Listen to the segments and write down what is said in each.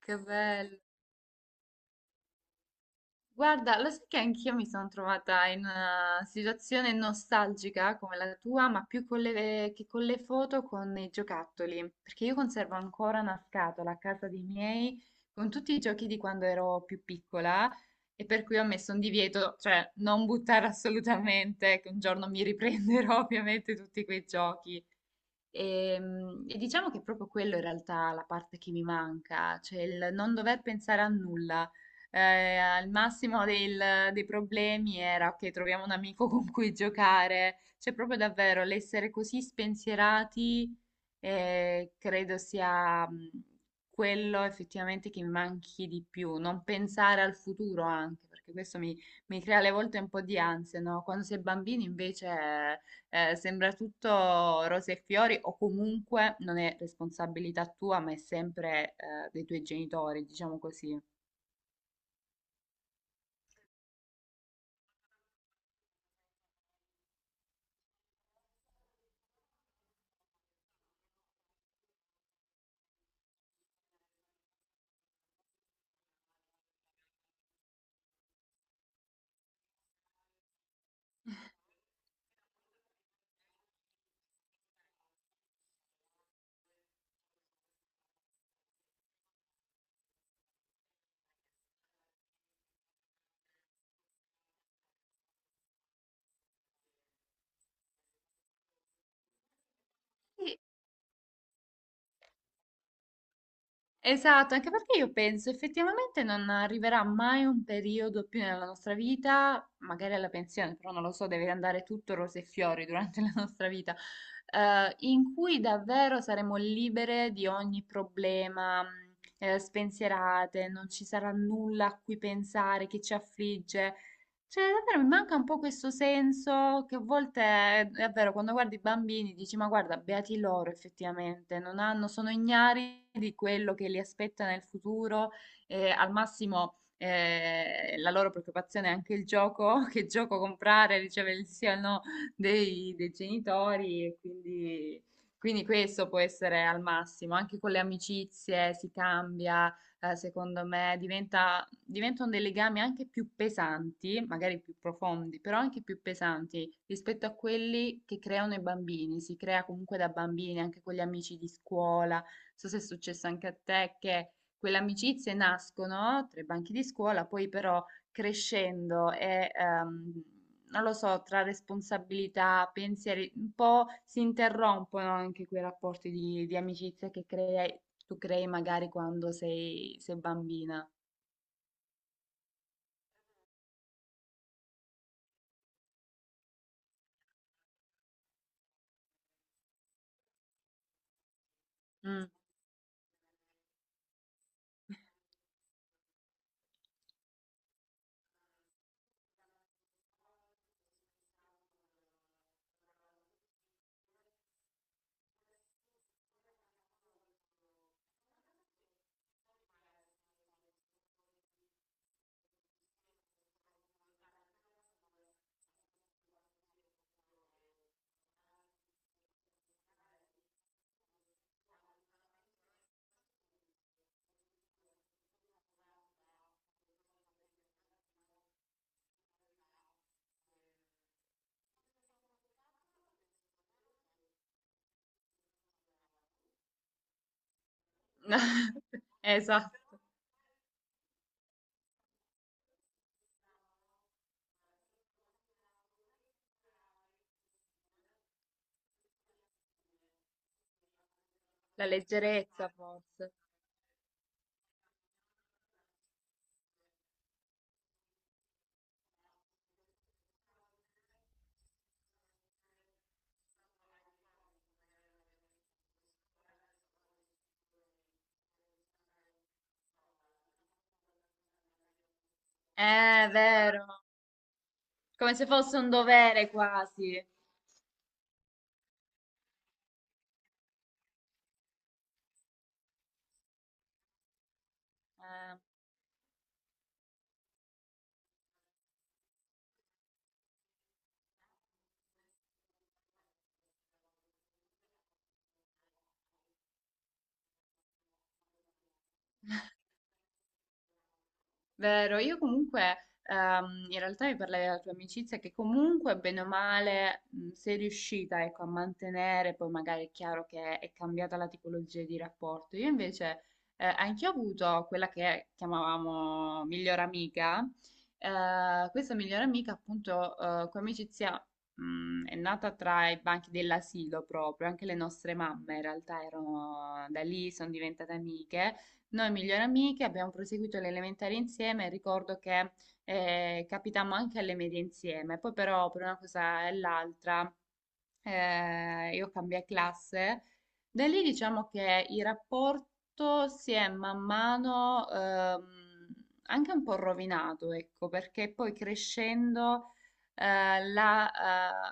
Che bello. Guarda, lo sai che anch'io mi sono trovata in una situazione nostalgica come la tua, ma più con le, che con le foto, con i giocattoli, perché io conservo ancora una scatola a casa dei miei con tutti i giochi di quando ero più piccola e per cui ho messo un divieto, cioè non buttare assolutamente, che un giorno mi riprenderò ovviamente tutti quei giochi. E diciamo che è proprio quello in realtà la parte che mi manca, cioè il non dover pensare a nulla. Al massimo dei problemi era ok, troviamo un amico con cui giocare. Cioè, proprio davvero l'essere così spensierati, credo sia quello effettivamente che mi manchi di più. Non pensare al futuro anche, perché mi crea alle volte un po' di ansia, no? Quando si è bambini invece sembra tutto rose e fiori o comunque non è responsabilità tua, ma è sempre dei tuoi genitori, diciamo così. Sì. Esatto, anche perché io penso effettivamente non arriverà mai un periodo più nella nostra vita, magari alla pensione, però non lo so, deve andare tutto rose e fiori durante la nostra vita, in cui davvero saremo libere di ogni problema, spensierate, non ci sarà nulla a cui pensare, che ci affligge. Cioè, davvero mi manca un po' questo senso che a volte è vero, quando guardi i bambini dici, ma guarda, beati loro effettivamente, non hanno, sono ignari di quello che li aspetta nel futuro, e al massimo la loro preoccupazione è anche il gioco, che gioco comprare, riceve il sì o il no dei, dei genitori, e quindi questo può essere al massimo, anche con le amicizie si cambia secondo me diventano dei legami anche più pesanti, magari più profondi, però anche più pesanti rispetto a quelli che creano i bambini. Si crea comunque da bambini anche con gli amici di scuola. Non so se è successo anche a te che quelle amicizie nascono tra i banchi di scuola, poi però crescendo, non lo so, tra responsabilità, pensieri, un po' si interrompono anche quei rapporti di amicizia tu crei magari quando sei bambina. Mm. Esatto, la leggerezza forse. Eh. È vero, come se fosse un dovere quasi. Eh. Vero, io comunque in realtà mi parlavi della tua amicizia che comunque bene o male sei riuscita ecco, a mantenere, poi magari è chiaro che è cambiata la tipologia di rapporto. Io invece anche ho avuto quella che chiamavamo miglior amica. Questa miglior amica appunto come amicizia è nata tra i banchi dell'asilo proprio, anche le nostre mamme in realtà erano da lì, sono diventate amiche. Noi migliori amiche abbiamo proseguito le elementari insieme e ricordo che capitammo anche alle medie insieme, poi però per una cosa e l'altra io cambiai classe, da lì diciamo che il rapporto si è man mano anche un po' rovinato, ecco, perché poi crescendo eh, la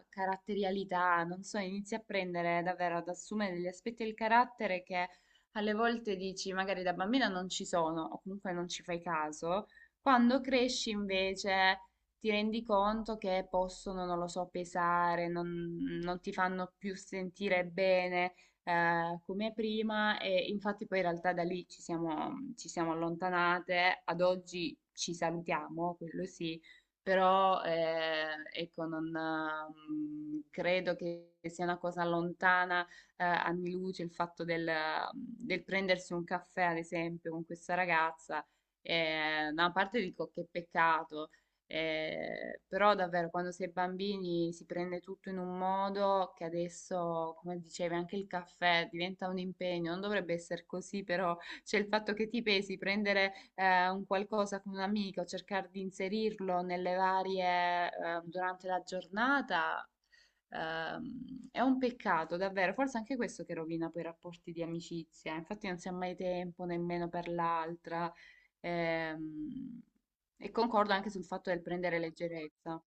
eh, caratterialità, non so, inizia a prendere davvero, ad assumere degli aspetti del carattere che alle volte dici magari da bambina non ci sono o comunque non ci fai caso, quando cresci invece ti rendi conto che possono, non lo so, pesare, non, non ti fanno più sentire bene come prima e infatti poi in realtà da lì ci siamo allontanate, ad oggi ci salutiamo, quello sì. Però ecco, non, credo che sia una cosa lontana anni luce il fatto del prendersi un caffè, ad esempio, con questa ragazza. Da una parte dico che peccato, però davvero quando si è bambini si prende tutto in un modo che adesso, come dicevi, anche il caffè diventa un impegno, non dovrebbe essere così, però c'è il fatto che ti pesi, prendere un qualcosa con un'amica o cercare di inserirlo nelle varie, durante la giornata. È un peccato, davvero, forse anche questo che rovina poi i rapporti di amicizia. Infatti non si ha mai tempo nemmeno per l'altra. Ehm, e concordo anche sul fatto del prendere leggerezza.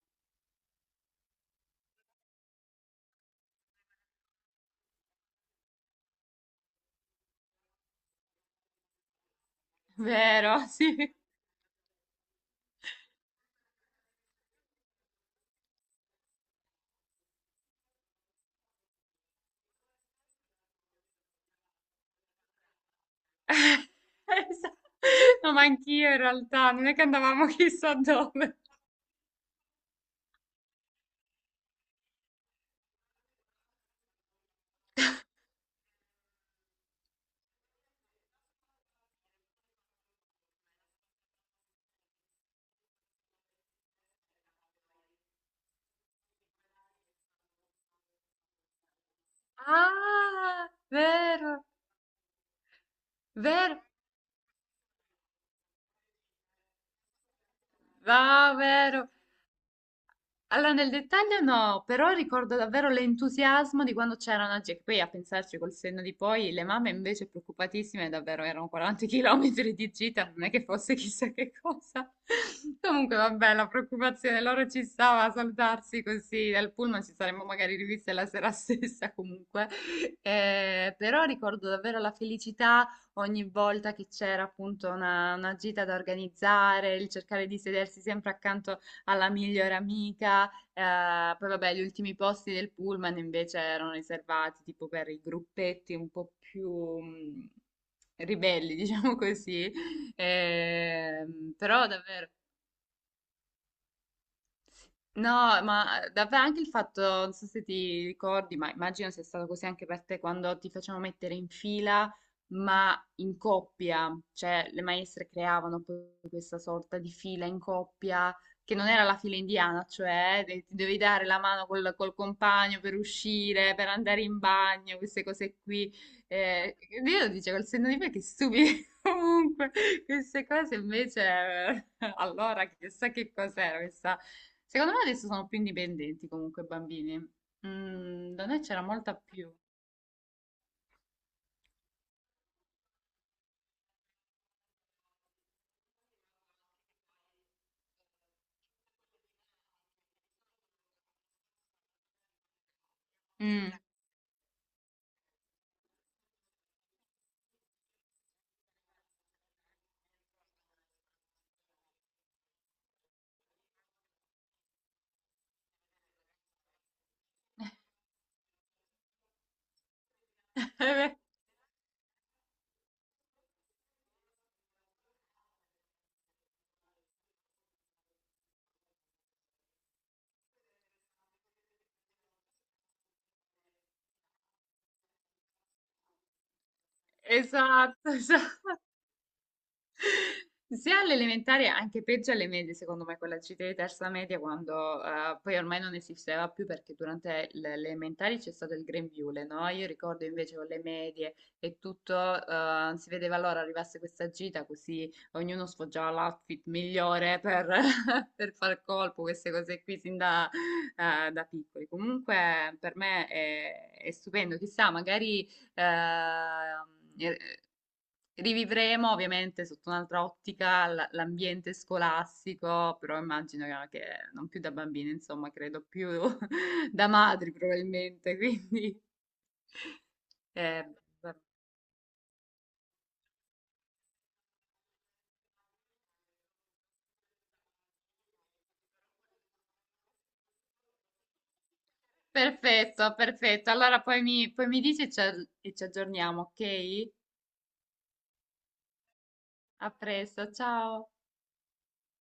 Vero, sì. Esatto. No, ma anch'io in realtà, non è che andavamo chissà dove. Ah, vero, vero, va, vero. Allora, nel dettaglio no, però ricordo davvero l'entusiasmo di quando c'erano, oggi, che poi a pensarci col senno di poi, le mamme invece preoccupatissime, davvero erano 40 km di gita, non è che fosse chissà che cosa. Comunque, vabbè, la preoccupazione loro ci stava a salutarsi così dal pullman, ci saremmo magari riviste la sera stessa comunque. Però ricordo davvero la felicità ogni volta che c'era appunto una gita da organizzare, il cercare di sedersi sempre accanto alla migliore amica, poi vabbè, gli ultimi posti del pullman invece erano riservati tipo per i gruppetti un po' più ribelli, diciamo così. Però davvero. No, ma davvero anche il fatto, non so se ti ricordi, ma immagino sia stato così anche per te quando ti facevano mettere in fila, ma in coppia, cioè le maestre creavano poi questa sorta di fila in coppia, che non era la fila indiana, cioè ti dovevi dare la mano col compagno per uscire, per andare in bagno, queste cose qui. Eh, io lo dicevo, col senno di poi che stupido. Comunque, queste cose invece, allora chissà che cos'era questa. Secondo me adesso sono più indipendenti comunque i bambini. Mm, da noi c'era molta più. Mm. Esatto, esatto. Sia all'elementare, anche peggio alle medie, secondo me, con la gita di terza media, quando poi ormai non esisteva più perché durante le elementari c'è stato il grembiule, no? Io ricordo invece con le medie e tutto, si vedeva allora arrivasse questa gita così ognuno sfoggiava l'outfit migliore per, per far colpo, queste cose qui sin da piccoli. Comunque per me è stupendo, chissà, magari. Ehm, e- Rivivremo ovviamente sotto un'altra ottica l'ambiente scolastico, però immagino che non più da bambini, insomma, credo più da madri probabilmente, quindi... Eh, va- Perfetto, perfetto. Allora poi mi dici e ci aggiorniamo, ok? A presto, ciao.